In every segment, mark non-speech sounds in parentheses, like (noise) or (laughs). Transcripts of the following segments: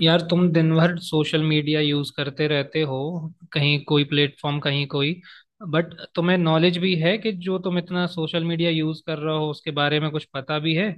यार, तुम दिन भर सोशल मीडिया यूज करते रहते हो। कहीं कोई प्लेटफॉर्म, कहीं कोई। बट तुम्हें नॉलेज भी है कि जो तुम इतना सोशल मीडिया यूज कर रहे हो, उसके बारे में कुछ पता भी है?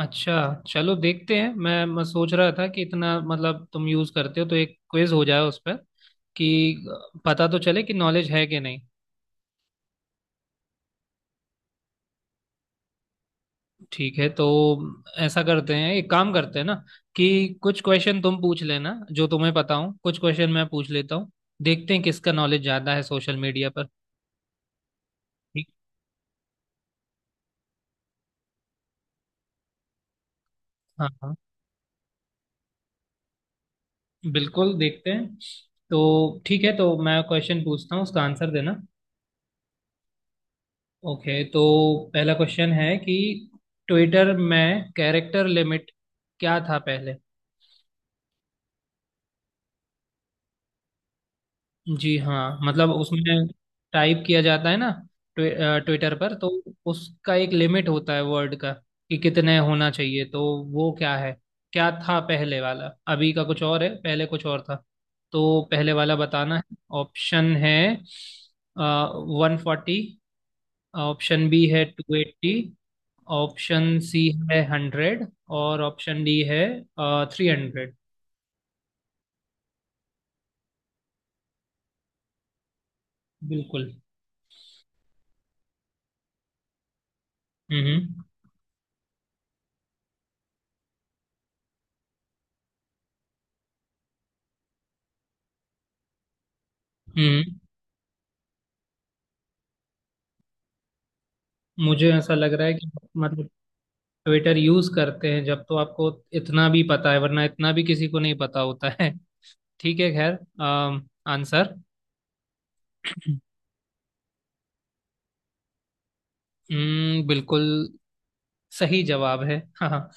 अच्छा, चलो देखते हैं। मैं सोच रहा था कि इतना मतलब तुम यूज करते हो, तो एक क्विज हो जाए उस पर, कि पता तो चले कि नॉलेज है कि नहीं। ठीक है, तो ऐसा करते हैं, एक काम करते हैं ना कि कुछ क्वेश्चन तुम पूछ लेना जो तुम्हें पता हो, कुछ क्वेश्चन मैं पूछ लेता हूँ। देखते हैं किसका नॉलेज ज्यादा है सोशल मीडिया पर। ठीक। हाँ हाँ, बिल्कुल देखते हैं। तो ठीक है, तो मैं क्वेश्चन पूछता हूँ, उसका आंसर देना। ओके तो पहला क्वेश्चन है कि ट्विटर में कैरेक्टर लिमिट क्या था पहले? जी हाँ, मतलब उसमें टाइप किया जाता है ना। ट्वि, ट्विटर पर तो उसका एक लिमिट होता है वर्ड का, कि कितने होना चाहिए। तो वो क्या है? क्या था पहले वाला? अभी का कुछ और है, पहले कुछ और था। तो पहले वाला बताना है। ऑप्शन है वन फोर्टी। ऑप्शन बी है टू एट्टी। ऑप्शन सी है हंड्रेड। और ऑप्शन डी है थ्री हंड्रेड। बिल्कुल। हम्म हम्म हम्म। मुझे ऐसा लग रहा है कि, मतलब ट्विटर यूज करते हैं जब, तो आपको इतना भी पता है, वरना इतना भी किसी को नहीं पता होता है। (laughs) ठीक है, खैर। अम, आंसर। (laughs) बिल्कुल सही जवाब है। (laughs) हाँ हाँ,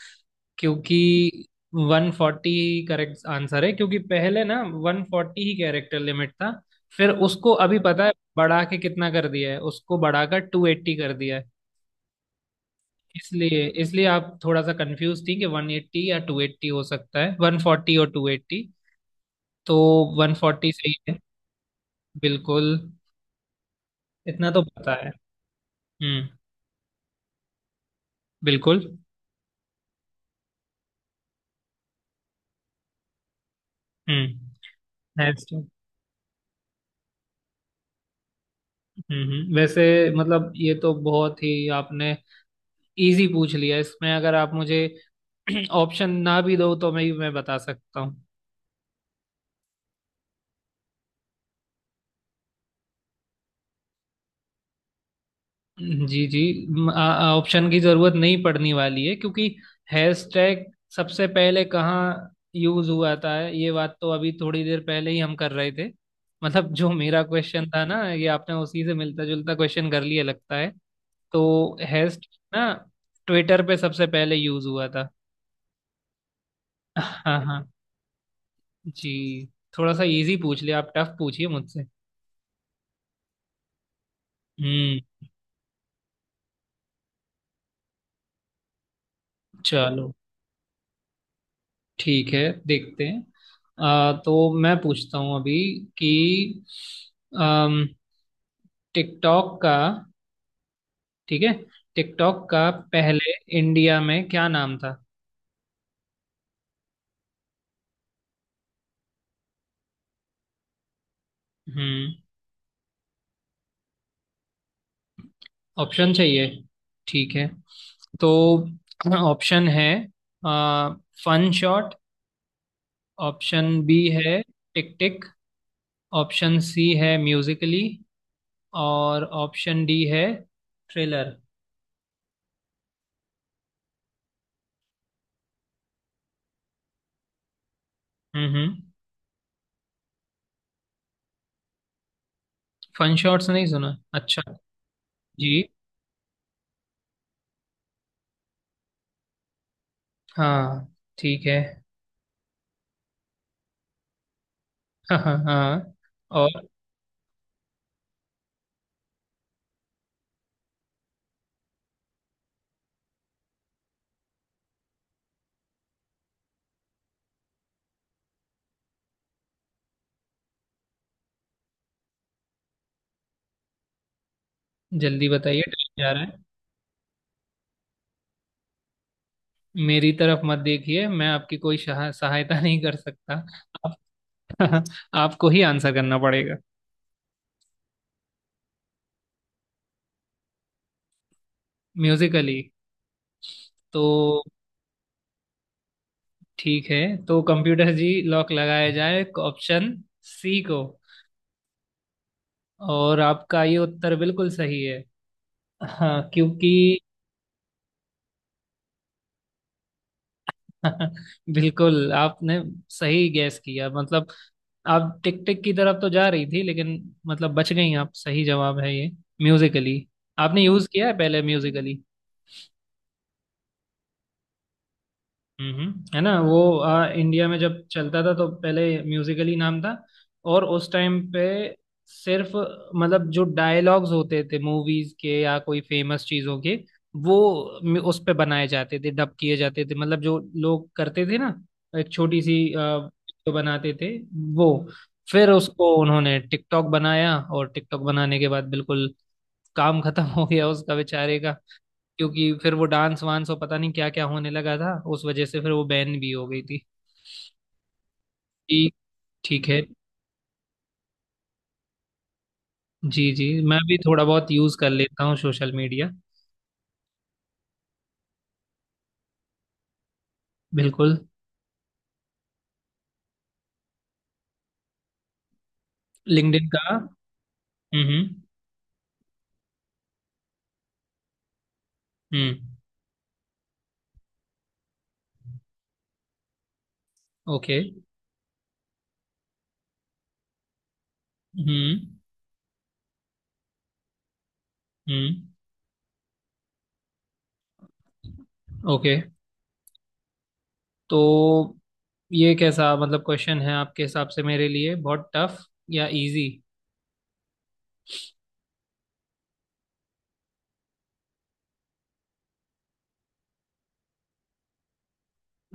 क्योंकि 140 करेक्ट आंसर है, क्योंकि पहले ना 140 ही कैरेक्टर लिमिट था। फिर उसको अभी पता है बढ़ा के कितना कर दिया है? उसको बढ़ाकर 280 कर दिया है। इसलिए इसलिए आप थोड़ा सा कंफ्यूज थी कि 180 या 280 हो सकता है, 140 और 280। तो 140 सही है। बिल्कुल, इतना तो पता है। हम्म, बिल्कुल। हम्म। हैश। हम्म। वैसे मतलब ये तो बहुत ही आपने इजी पूछ लिया। इसमें अगर आप मुझे (clears throat) ऑप्शन ना भी दो, तो मैं बता सकता हूँ। जी जी। ऑप्शन की जरूरत नहीं पड़ने वाली है, क्योंकि हैशटैग सबसे पहले कहाँ यूज हुआ था ये बात तो अभी थोड़ी देर पहले ही हम कर रहे थे। मतलब जो मेरा क्वेश्चन था ना, ये आपने उसी से मिलता जुलता क्वेश्चन कर लिया लगता है। तो हैश ना ट्विटर पे सबसे पहले यूज हुआ था। हाँ हाँ जी, थोड़ा सा इजी पूछ लिया आप, टफ पूछिए मुझसे। हम्म। चलो, ठीक है, देखते हैं। तो मैं पूछता हूँ अभी कि टिकटॉक का, ठीक है, टिकटॉक का पहले इंडिया में क्या नाम था? हम्म। ऑप्शन चाहिए? ठीक है, तो ऑप्शन है आ, फन शॉट। ऑप्शन बी है टिक टिक। ऑप्शन सी है म्यूजिकली। और ऑप्शन डी है थ्रिलर। हम्म हम्म, फन शॉट्स नहीं सुना, अच्छा। जी हाँ, ठीक है। हाँ हाँ हाँ। और जल्दी बताइए, टाइम जा रहा है। मेरी तरफ मत देखिए, मैं आपकी कोई सहायता नहीं कर सकता। आप, (laughs) आपको ही आंसर करना पड़ेगा। म्यूजिकली। तो ठीक है, तो कंप्यूटर जी, लॉक लगाया जाए ऑप्शन सी को। और आपका ये उत्तर बिल्कुल सही है। हाँ क्योंकि, बिल्कुल आपने सही गैस किया, मतलब आप टिक टिक की तरफ तो जा रही थी, लेकिन मतलब बच गई आप। सही जवाब है ये म्यूजिकली। आपने यूज किया है पहले म्यूजिकली। हम्म, है ना वो इंडिया में जब चलता था, तो पहले म्यूजिकली नाम था। और उस टाइम पे सिर्फ मतलब जो डायलॉग्स होते थे मूवीज के या कोई फेमस चीजों के, उस पे बनाए जाते थे, डब किए जाते थे। मतलब जो लोग करते थे ना, एक छोटी सी वीडियो बनाते थे वो। फिर उसको उन्होंने टिकटॉक बनाया, और टिकटॉक बनाने के बाद बिल्कुल काम खत्म हो गया उसका, बेचारे। क्योंकि फिर वो डांस वांस और पता नहीं क्या क्या होने लगा था, उस वजह से फिर वो बैन भी हो गई थी। ठीक। ठीक है। जी जी, मैं भी थोड़ा बहुत यूज कर लेता हूँ सोशल मीडिया। बिल्कुल। लिंक्डइन का, हम्म। हम्म, ओके। हम्म हम्म। ओके, तो ये कैसा मतलब क्वेश्चन है आपके हिसाब से मेरे लिए, बहुत टफ या इजी?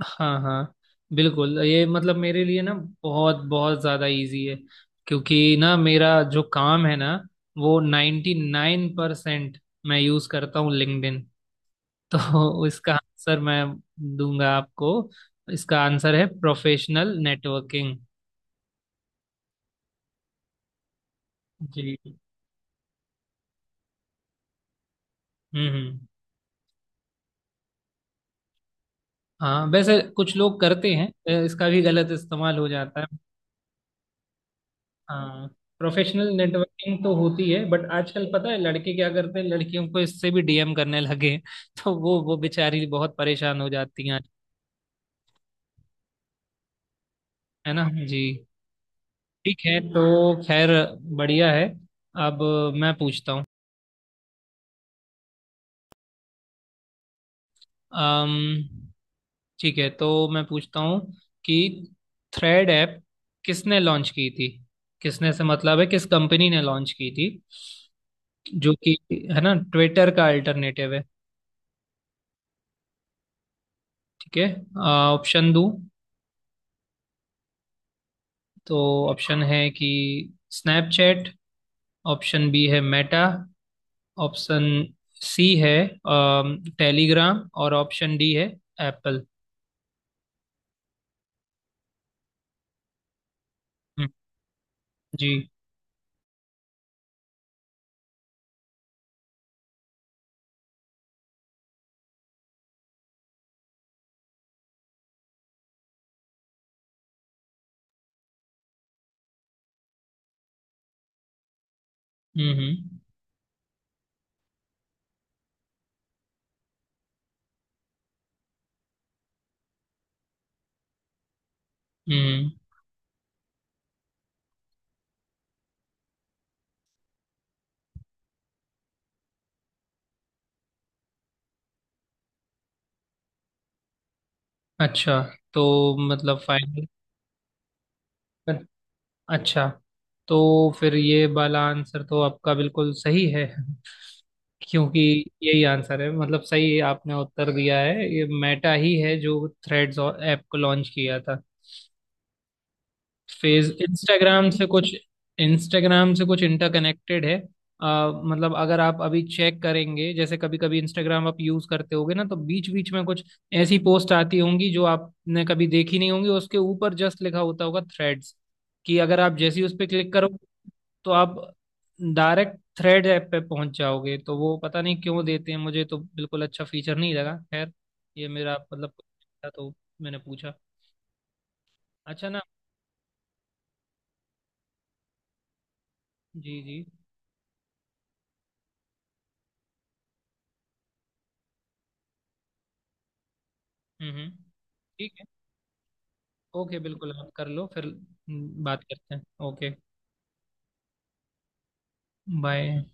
हाँ हाँ, बिल्कुल ये मतलब मेरे लिए ना, बहुत बहुत ज़्यादा इजी है। क्योंकि ना मेरा जो काम है ना, वो 99% मैं यूज़ करता हूँ लिंक्डइन। तो (laughs) इसका आंसर मैं दूंगा आपको। इसका आंसर है प्रोफेशनल नेटवर्किंग। जी। हम्म। हाँ, वैसे कुछ लोग करते हैं, इसका भी गलत इस्तेमाल हो जाता है। हाँ, प्रोफेशनल नेटवर्किंग तो होती है, बट आजकल पता है लड़के क्या करते हैं? लड़कियों को इससे भी डीएम करने लगे (laughs) हैं। तो वो बेचारी बहुत परेशान हो जाती हैं। है ना जी। ठीक है तो, खैर, बढ़िया है। अब मैं पूछता हूँ। अम्म ठीक है, तो मैं पूछता हूँ कि थ्रेड ऐप किसने लॉन्च की थी? किसने से मतलब है किस कंपनी ने लॉन्च की थी, जो कि है ना ट्विटर का अल्टरनेटिव है। ठीक है, ऑप्शन दूं तो, ऑप्शन है कि स्नैपचैट। ऑप्शन बी है मेटा। ऑप्शन सी है टेलीग्राम। और ऑप्शन डी है एप्पल। जी। हम्म। जी। हम्म। हम्म, अच्छा, तो मतलब फाइनल? अच्छा, तो फिर ये वाला आंसर तो आपका बिल्कुल सही है, (laughs) क्योंकि यही आंसर है, मतलब सही आपने उत्तर दिया है। ये मेटा ही है जो थ्रेड्स ऐप को लॉन्च किया था। फेस इंस्टाग्राम से कुछ इंटरकनेक्टेड है। मतलब अगर आप अभी चेक करेंगे जैसे, कभी कभी इंस्टाग्राम आप यूज करते होगे ना, तो बीच बीच में कुछ ऐसी पोस्ट आती होंगी जो आपने कभी देखी नहीं होंगी, उसके ऊपर जस्ट लिखा होता होगा थ्रेड्स, कि अगर आप जैसे ही उस पर क्लिक करो, तो आप डायरेक्ट थ्रेड ऐप पे पहुंच जाओगे। तो वो पता नहीं क्यों देते हैं, मुझे तो बिल्कुल अच्छा फीचर नहीं लगा, खैर। ये मेरा मतलब था, तो मैंने पूछा। अच्छा ना? जी जी। हम्म। ठीक है, ओके, बिल्कुल आप कर लो, फिर बात करते हैं। ओके। बाय।